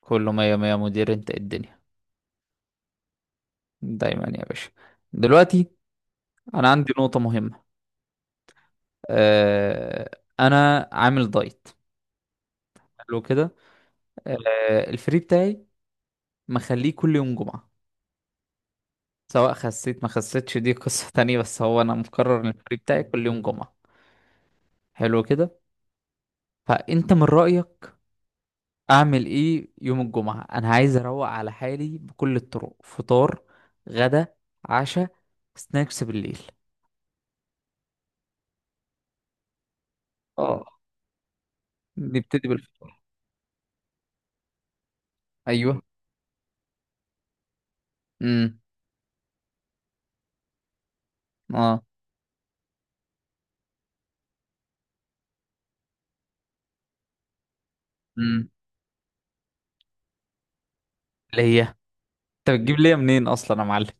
كله مية مية مدير. انت ايه الدنيا؟ دايما يا باشا. دلوقتي انا عندي نقطة مهمة. آه انا عامل دايت. حلو كده. آه، الفري بتاعي مخليه كل يوم جمعة. سواء خسيت ما خسيتش دي قصة تانية، بس هو انا مقرر ان الفري بتاعي كل يوم جمعة. حلو كده. فانت من رأيك اعمل ايه يوم الجمعة؟ انا عايز اروق على حالي بكل الطرق: فطار، غدا، عشا، سناكس بالليل. اه، نبتدي بالفطار. ايوه. مم. اه. امم، اللي هي انت بتجيب ليا منين اصلا يا معلم؟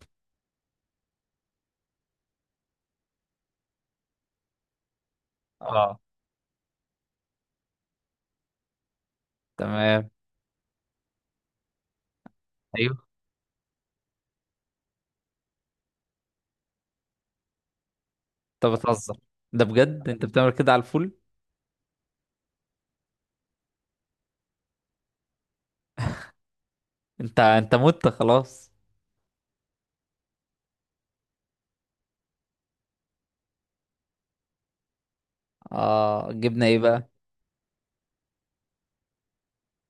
اه، تمام. ايوه. انت بتهزر! ده بجد انت بتعمل كده على الفول؟ انت انت مت خلاص! اه، جبنا ايه بقى؟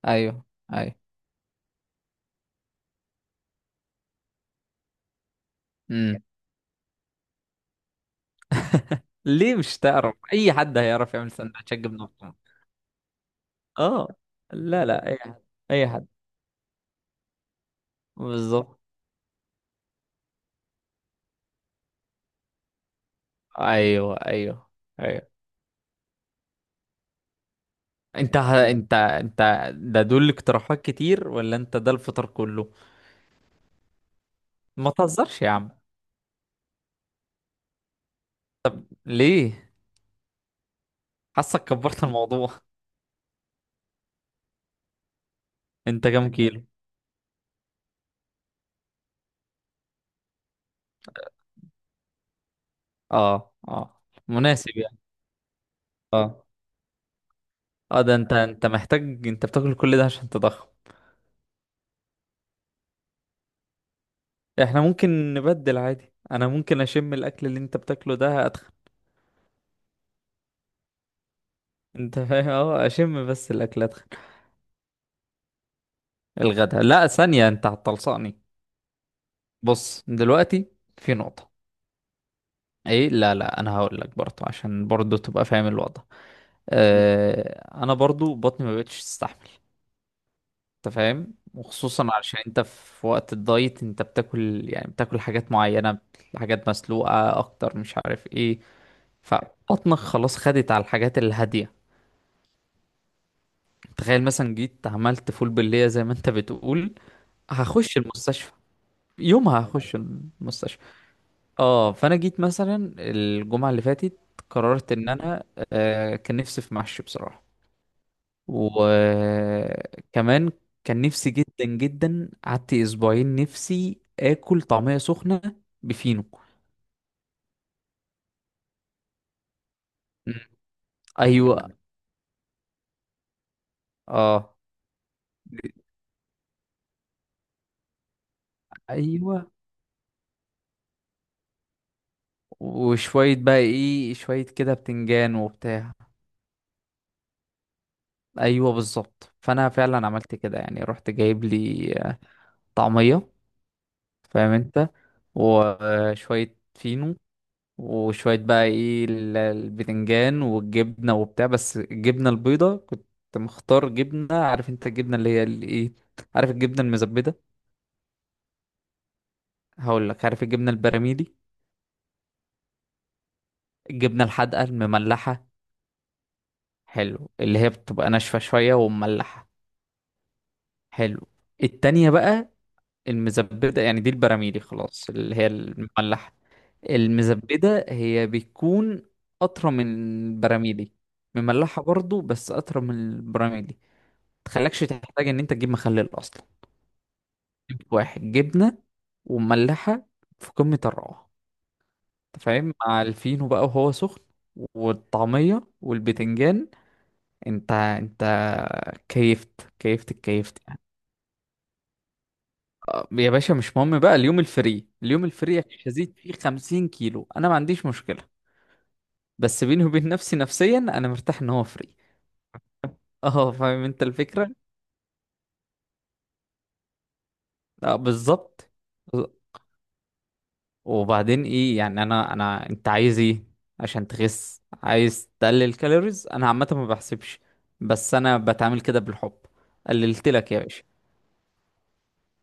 ايوه. ايوه. امم، ليه؟ مش تعرف؟ اي حد هيعرف يعمل سندوتشات جبنه وطماطم. اه، لا لا، اي حد. اي حد. بالظبط. ايوه. ايوه. ايوه. انت انت انت ده دول اقتراحات كتير ولا انت ده الفطار كله؟ ما تهزرش يا عم! ليه؟ حاسك كبرت الموضوع. انت كام كيلو؟ اه، اه، مناسب يعني. اه. اه، ده انت انت محتاج؟ انت بتاكل كل ده عشان تضخم؟ احنا ممكن نبدل عادي، انا ممكن اشم الاكل اللي انت بتاكله ده اتخن. انت فاهم؟ اه، اشم بس الاكل اتخن. الغدا، لا ثانية، انت هتلصقني. بص دلوقتي، في نقطة. ايه؟ لا لا، انا هقول لك برضه عشان برضه تبقى فاهم الوضع. آه، انا برضه بطني ما بقتش تستحمل. انت فاهم؟ وخصوصا علشان انت في وقت الدايت انت بتاكل، يعني بتاكل حاجات معينة، حاجات مسلوقة اكتر، مش عارف ايه. فبطنك خلاص خدت على الحاجات الهادية. تخيل مثلا جيت عملت فول باللية زي ما انت بتقول، هخش المستشفى. يومها هخش المستشفى. اه، فانا جيت مثلا الجمعة اللي فاتت، قررت ان انا آه كان نفسي في محشي بصراحة. وكمان كان نفسي جدا جدا. قعدت اسبوعين نفسي اكل طعمية سخنة بفينو. مم. ايوه. اه. ايوه. وشوية بقى ايه، شوية كده بتنجان وبتاع. ايوه بالظبط. فانا فعلا عملت كده، يعني رحت جايب لي آه، طعمية، فاهم انت، وشوية فينو، وشوية بقى ايه البتنجان والجبنة وبتاع. بس الجبنة البيضة كنت مختار جبنة، عارف انت الجبنة اللي هي الايه، عارف الجبنة المزبدة؟ هقول لك، عارف الجبنة البراميلي؟ الجبنة الحادقة المملحة. حلو، اللي هي بتبقى ناشفة شوية ومملحة. حلو. التانية بقى، المزبدة، يعني دي البراميلي خلاص اللي هي المملحة. المزبدة هي بتكون أطرى من البراميلي، مملحة برضو بس أطرى من البراميلي. تخليكش تحتاج ان انت تجيب مخلل اصلا. جبت واحد جبنه ومملحه، في قمه الروعه. انت فاهم، مع الفينو بقى وهو سخن والطعميه والبتنجان، انت انت كيفت كيفت يعني. آه، يا باشا مش مهم بقى، اليوم الفري اليوم الفري مش هزيد فيه 50 كيلو، انا ما عنديش مشكله. بس بيني وبين نفسي، نفسيا انا مرتاح ان هو فري. اه، فاهم انت الفكره. اه بالظبط. وبعدين ايه يعني؟ انا انت عايز ايه؟ عشان تخس عايز تقلل كالوريز؟ انا عامه ما بحسبش، بس انا بتعامل كده بالحب. قللت لك يا باشا،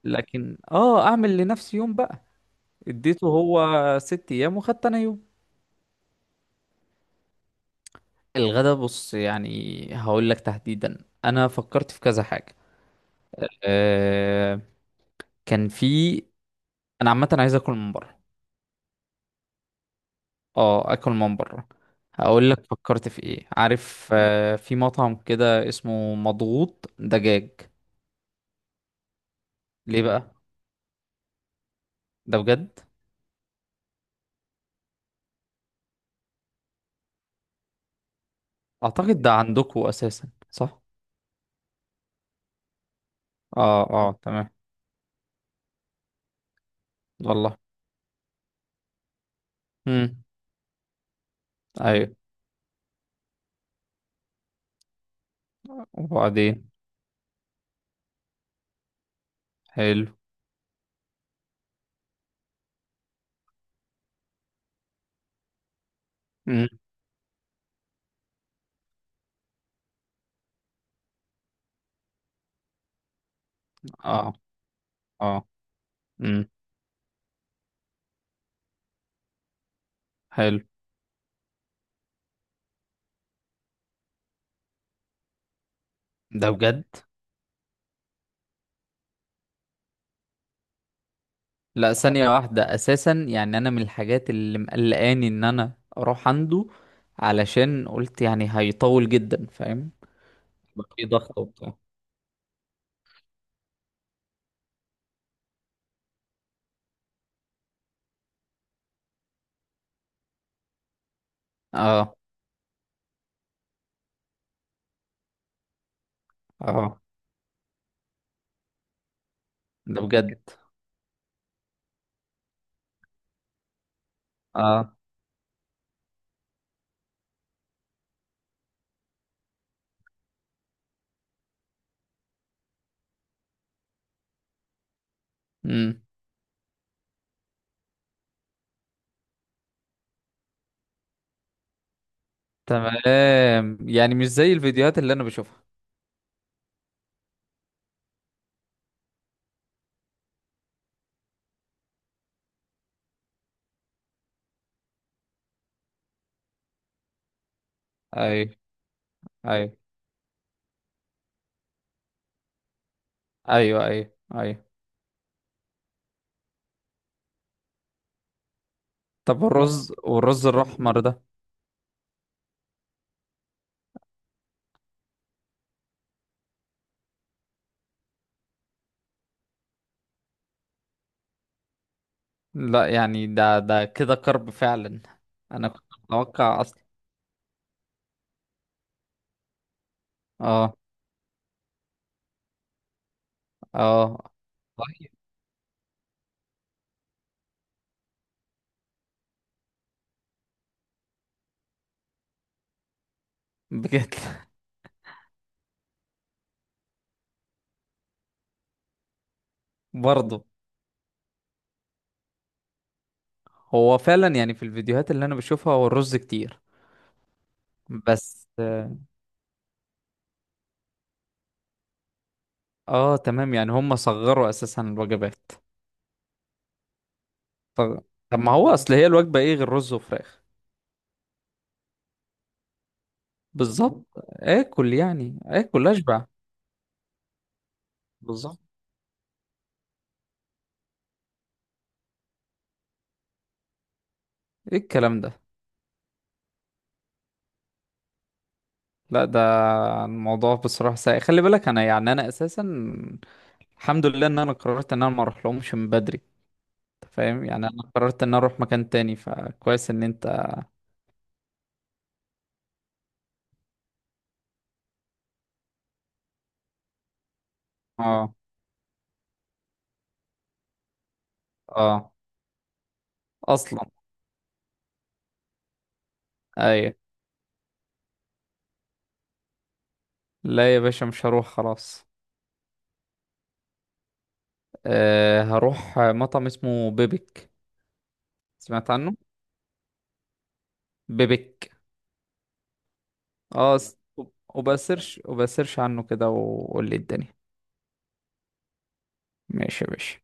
لكن اه اعمل لنفسي يوم بقى. اديته هو ست ايام وخدت انا يوم. الغدا بص، يعني هقول لك تحديدا، انا فكرت في كذا حاجه. أه، كان في، انا عامه عايز اكل من بره. اه، اكل من بره. هقول لك فكرت في ايه، عارف آه، في مطعم كده اسمه مضغوط دجاج. ليه بقى؟ ده بجد؟ اعتقد ده عندكم اساسا، صح؟ اه اه تمام. والله. امم. ايوه. وبعدين؟ حلو. امم. اه. اه. امم. حلو. ده بجد؟ لا ثانية واحدة، اساسا يعني انا من الحاجات اللي مقلقاني ان انا اروح عنده، علشان قلت يعني هيطول جدا، فاهم؟ يبقى في ضغط وبتاع. اه. اه. ده بجد. اه. امم. تمام، يعني مش زي الفيديوهات اللي انا بشوفها. اي. اي. ايوه. ايوه. ايوه. طب والرز، والرز الاحمر ده؟ لا يعني ده ده كده كرب فعلا. انا كنت متوقع اصلا. اه. اه. بجد؟ برضه. هو فعلا يعني في الفيديوهات اللي انا بشوفها هو الرز كتير. بس. اه تمام، يعني هم صغروا اساسا الوجبات. طب. طب ما هو اصل هي الوجبة ايه غير رز وفراخ؟ بالظبط. اكل يعني، اكل اشبع. بالظبط. ايه الكلام ده! لا ده الموضوع بصراحة سيء. خلي بالك انا يعني انا اساسا الحمد لله ان انا قررت ان انا ما اروح لهمش من بدري. انت فاهم يعني، انا قررت ان انا اروح مكان تاني، فكويس ان انت. اه. اه. اصلا. ايوه. لا يا باشا مش هروح خلاص. أه، هروح مطعم اسمه بيبك. سمعت عنه؟ بيبك. اه، وبسيرش وبسيرش عنه كده وقول لي الدنيا. ماشي يا باشا.